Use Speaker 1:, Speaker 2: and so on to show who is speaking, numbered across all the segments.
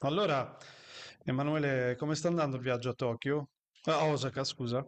Speaker 1: Allora, Emanuele, come sta andando il viaggio a Tokyo? Ah, a Osaka, scusa.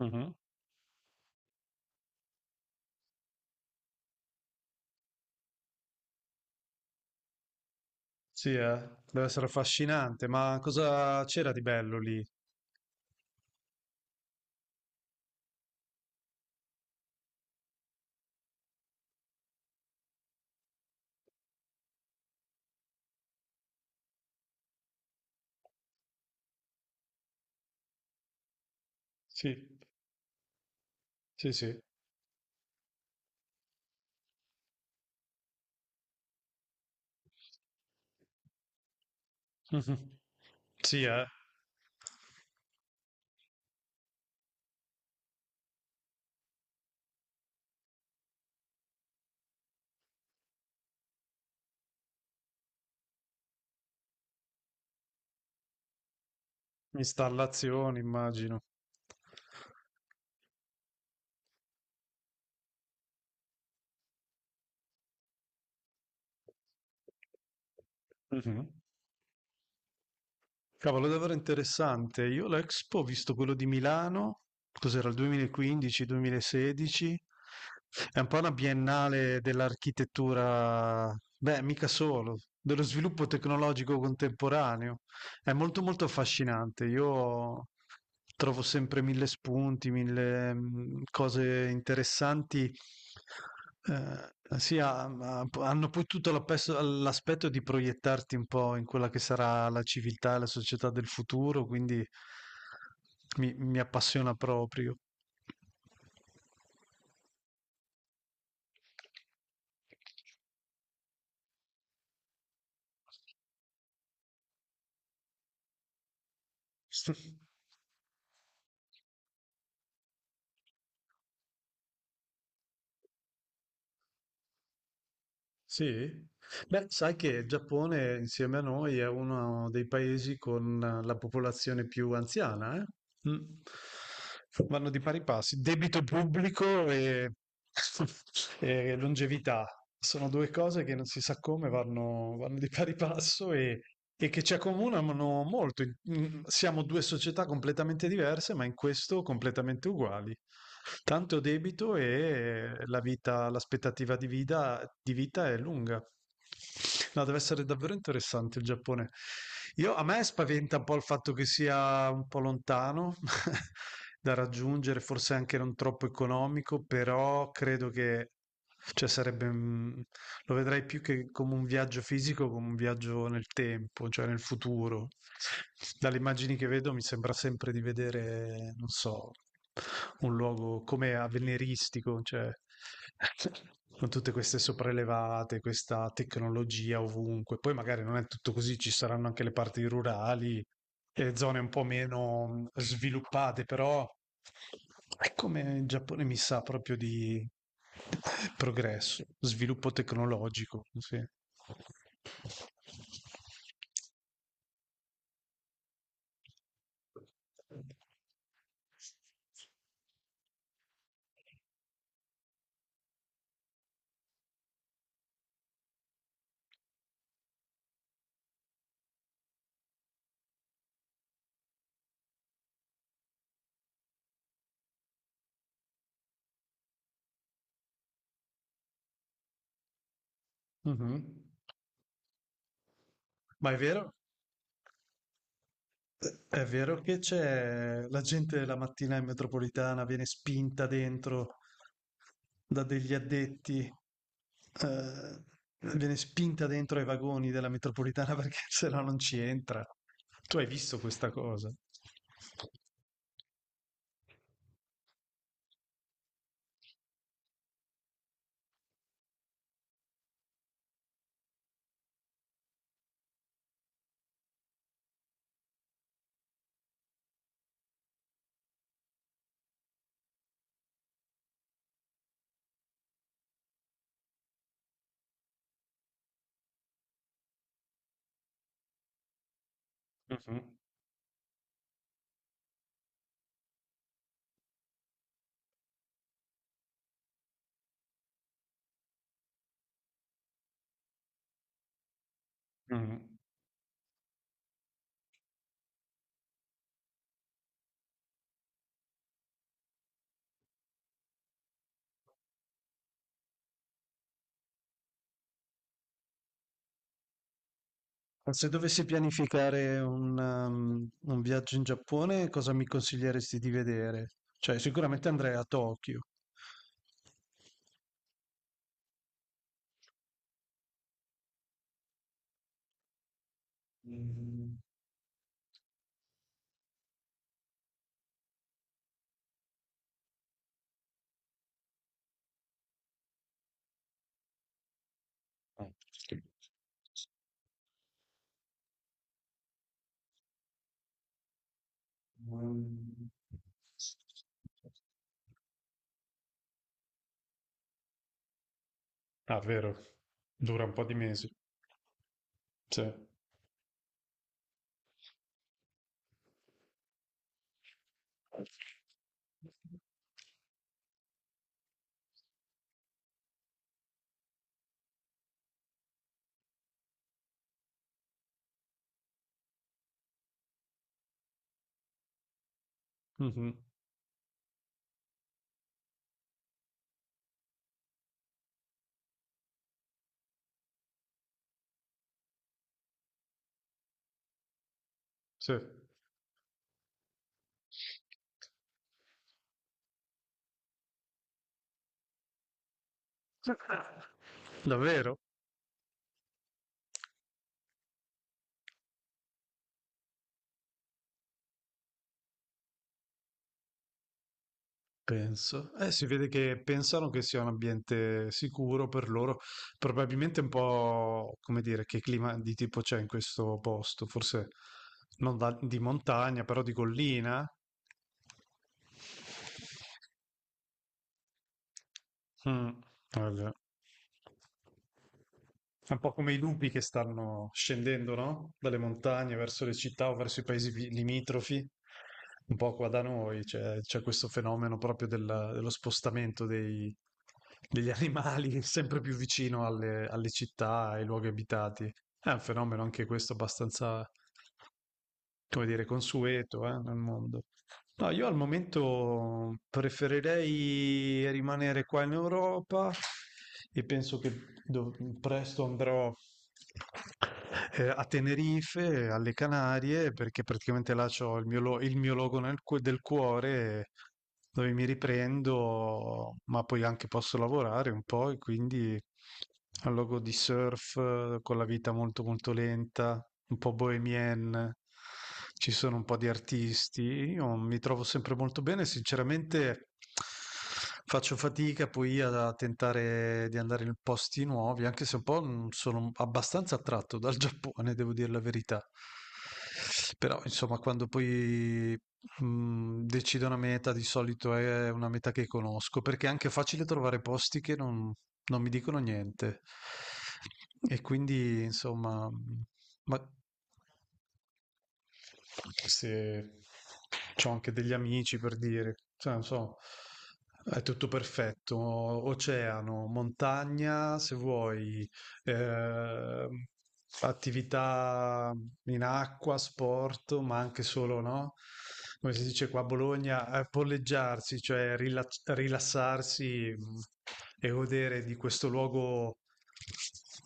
Speaker 1: Mhm. Sì, deve essere affascinante, ma cosa c'era di bello lì? Sì, sì, sì. Mhm. Sì, installazioni, immagino. Mhm. Cavolo, davvero interessante. Io l'Expo ho visto quello di Milano, cos'era il 2015-2016? È un po' una biennale dell'architettura, beh, mica solo, dello sviluppo tecnologico contemporaneo. È molto molto affascinante. Io trovo sempre mille spunti, mille cose interessanti. Ehm, sì, ha ma p hanno poi tutto l'aspetto di proiettarti un po' in quella che sarà la civiltà e la società del futuro, quindi mi appassiona proprio. Sì? Beh, sai che il Giappone insieme a noi è uno dei paesi con la popolazione più anziana, eh? Mm. Vanno di pari passi. Debito pubblico e, e longevità. Sono due cose che non si sa come vanno di pari passo e che ci accomunano molto. Siamo due società completamente diverse, ma in questo completamente uguali. Tanto debito e la vita, l'aspettativa di vita è lunga. No, deve essere davvero interessante il Giappone. A me spaventa un po' il fatto che sia un po' lontano da raggiungere, forse anche non troppo economico, però credo che cioè, sarebbe lo vedrai più che come un viaggio fisico, come un viaggio nel tempo, cioè nel futuro. Dalle immagini che vedo mi sembra sempre di vedere, non so, un luogo come avveniristico, cioè con tutte queste sopraelevate, questa tecnologia ovunque. Poi magari non è tutto così, ci saranno anche le parti rurali e zone un po' meno sviluppate, però è come il Giappone mi sa proprio di progresso, sviluppo tecnologico, sì. Mhm. Ma è vero? È vero che c'è la gente la mattina in metropolitana viene spinta dentro da degli addetti, eh, viene spinta dentro ai vagoni della metropolitana perché se no non ci entra. Tu hai visto questa cosa? Mhm, mhm. Se dovessi pianificare un viaggio in Giappone, cosa mi consiglieresti di vedere? Cioè, sicuramente andrei a Tokyo. Ah, sì. Ah, vero. Dura un po' di mesi. Sì. Mhm. Sì. Davvero? Penso. Si vede che pensano che sia un ambiente sicuro per loro. Probabilmente un po', come dire, che clima di tipo c'è in questo posto. Forse non di montagna, però di collina. Mm, vabbè. È un po' come i lupi che stanno scendendo, no? Dalle montagne verso le città o verso i paesi limitrofi. Un po' qua da noi c'è questo fenomeno proprio dello spostamento degli animali sempre più vicino alle città, ai luoghi abitati. È un fenomeno anche questo abbastanza come dire, consueto, nel mondo. No, io al momento preferirei rimanere qua in Europa e penso che presto andrò a Tenerife, alle Canarie, perché praticamente là c'ho il mio logo del cuore, dove mi riprendo, ma poi anche posso lavorare un po', e quindi al logo di surf, con la vita molto molto lenta, un po' bohemienne, ci sono un po' di artisti, io mi trovo sempre molto bene, sinceramente. Faccio fatica poi a tentare di andare in posti nuovi, anche se un po' sono abbastanza attratto dal Giappone, devo dire la verità. Però, insomma, quando poi decido una meta, di solito è una meta che conosco, perché è anche facile trovare posti che non, non mi dicono niente. E quindi, insomma, ma anche se c'ho anche degli amici per dire, cioè, non so, è tutto perfetto, oceano, montagna, se vuoi, eh, attività in acqua, sport, ma anche solo, no? Come si dice qua a Bologna, polleggiarsi, cioè rilassarsi e godere di questo luogo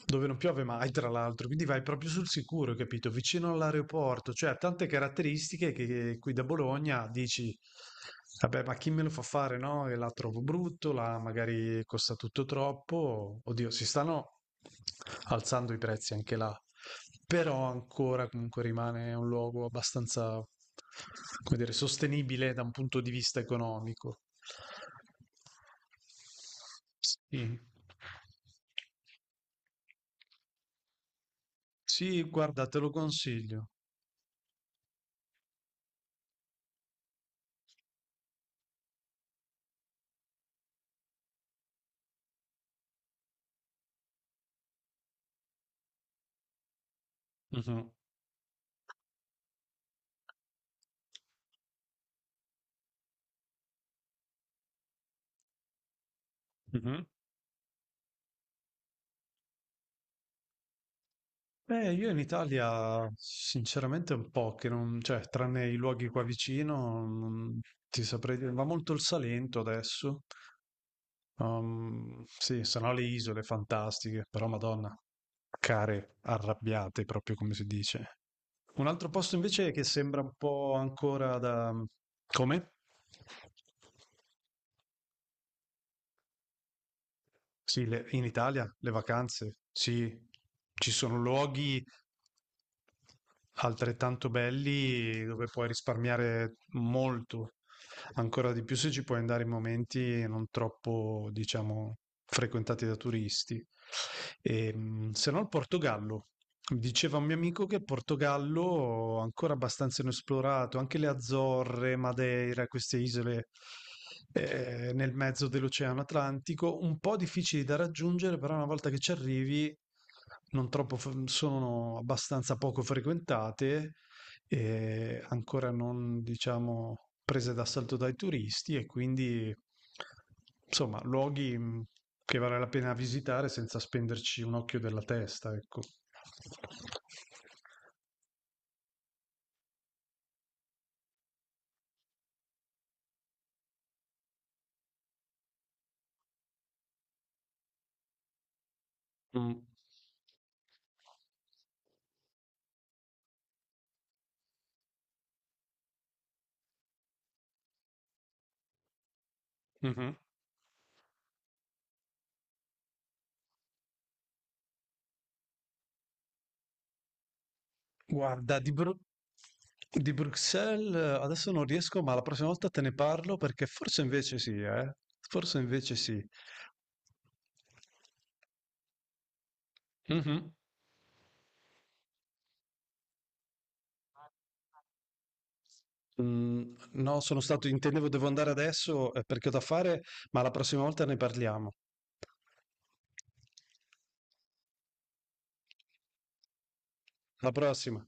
Speaker 1: dove non piove mai, tra l'altro, quindi vai proprio sul sicuro, capito? Vicino all'aeroporto, cioè ha tante caratteristiche che qui da Bologna dici: Vabbè, ma chi me lo fa fare, no? E la trovo brutto, la magari costa tutto troppo. Oddio, si stanno alzando i prezzi anche là. Però ancora comunque rimane un luogo abbastanza, come dire, sostenibile da un punto di vista economico. Sì. Sì, guarda, te lo consiglio. Mhm. Mhm. Beh, io in Italia sinceramente un po' che non, cioè, tranne i luoghi qua vicino, non ti saprei dire, va molto il Salento adesso. Sì, sono le isole fantastiche, però Madonna, care arrabbiate proprio come si dice. Un altro posto invece che sembra un po' ancora da... Come? Sì, in Italia le vacanze, sì, ci sono luoghi altrettanto belli dove puoi risparmiare molto, ancora di più se ci puoi andare in momenti non troppo, diciamo, frequentati da turisti. Se no il Portogallo. Mi diceva un mio amico che il Portogallo ancora abbastanza inesplorato, anche le Azzorre, Madeira, queste isole nel mezzo dell'Oceano Atlantico, un po' difficili da raggiungere, però una volta che ci arrivi non troppo, sono abbastanza poco frequentate ancora non, diciamo, prese d'assalto dai turisti e quindi, insomma, luoghi che vale la pena visitare senza spenderci un occhio della testa, ecco. Mm. Mhm. Guarda, di Bruxelles adesso non riesco, ma la prossima volta te ne parlo perché forse invece sì, eh? Forse invece sì. Mhm. Mhmm, no, sono stato intendevo devo andare adesso, perché ho da fare, ma la prossima volta ne parliamo. Alla prossima.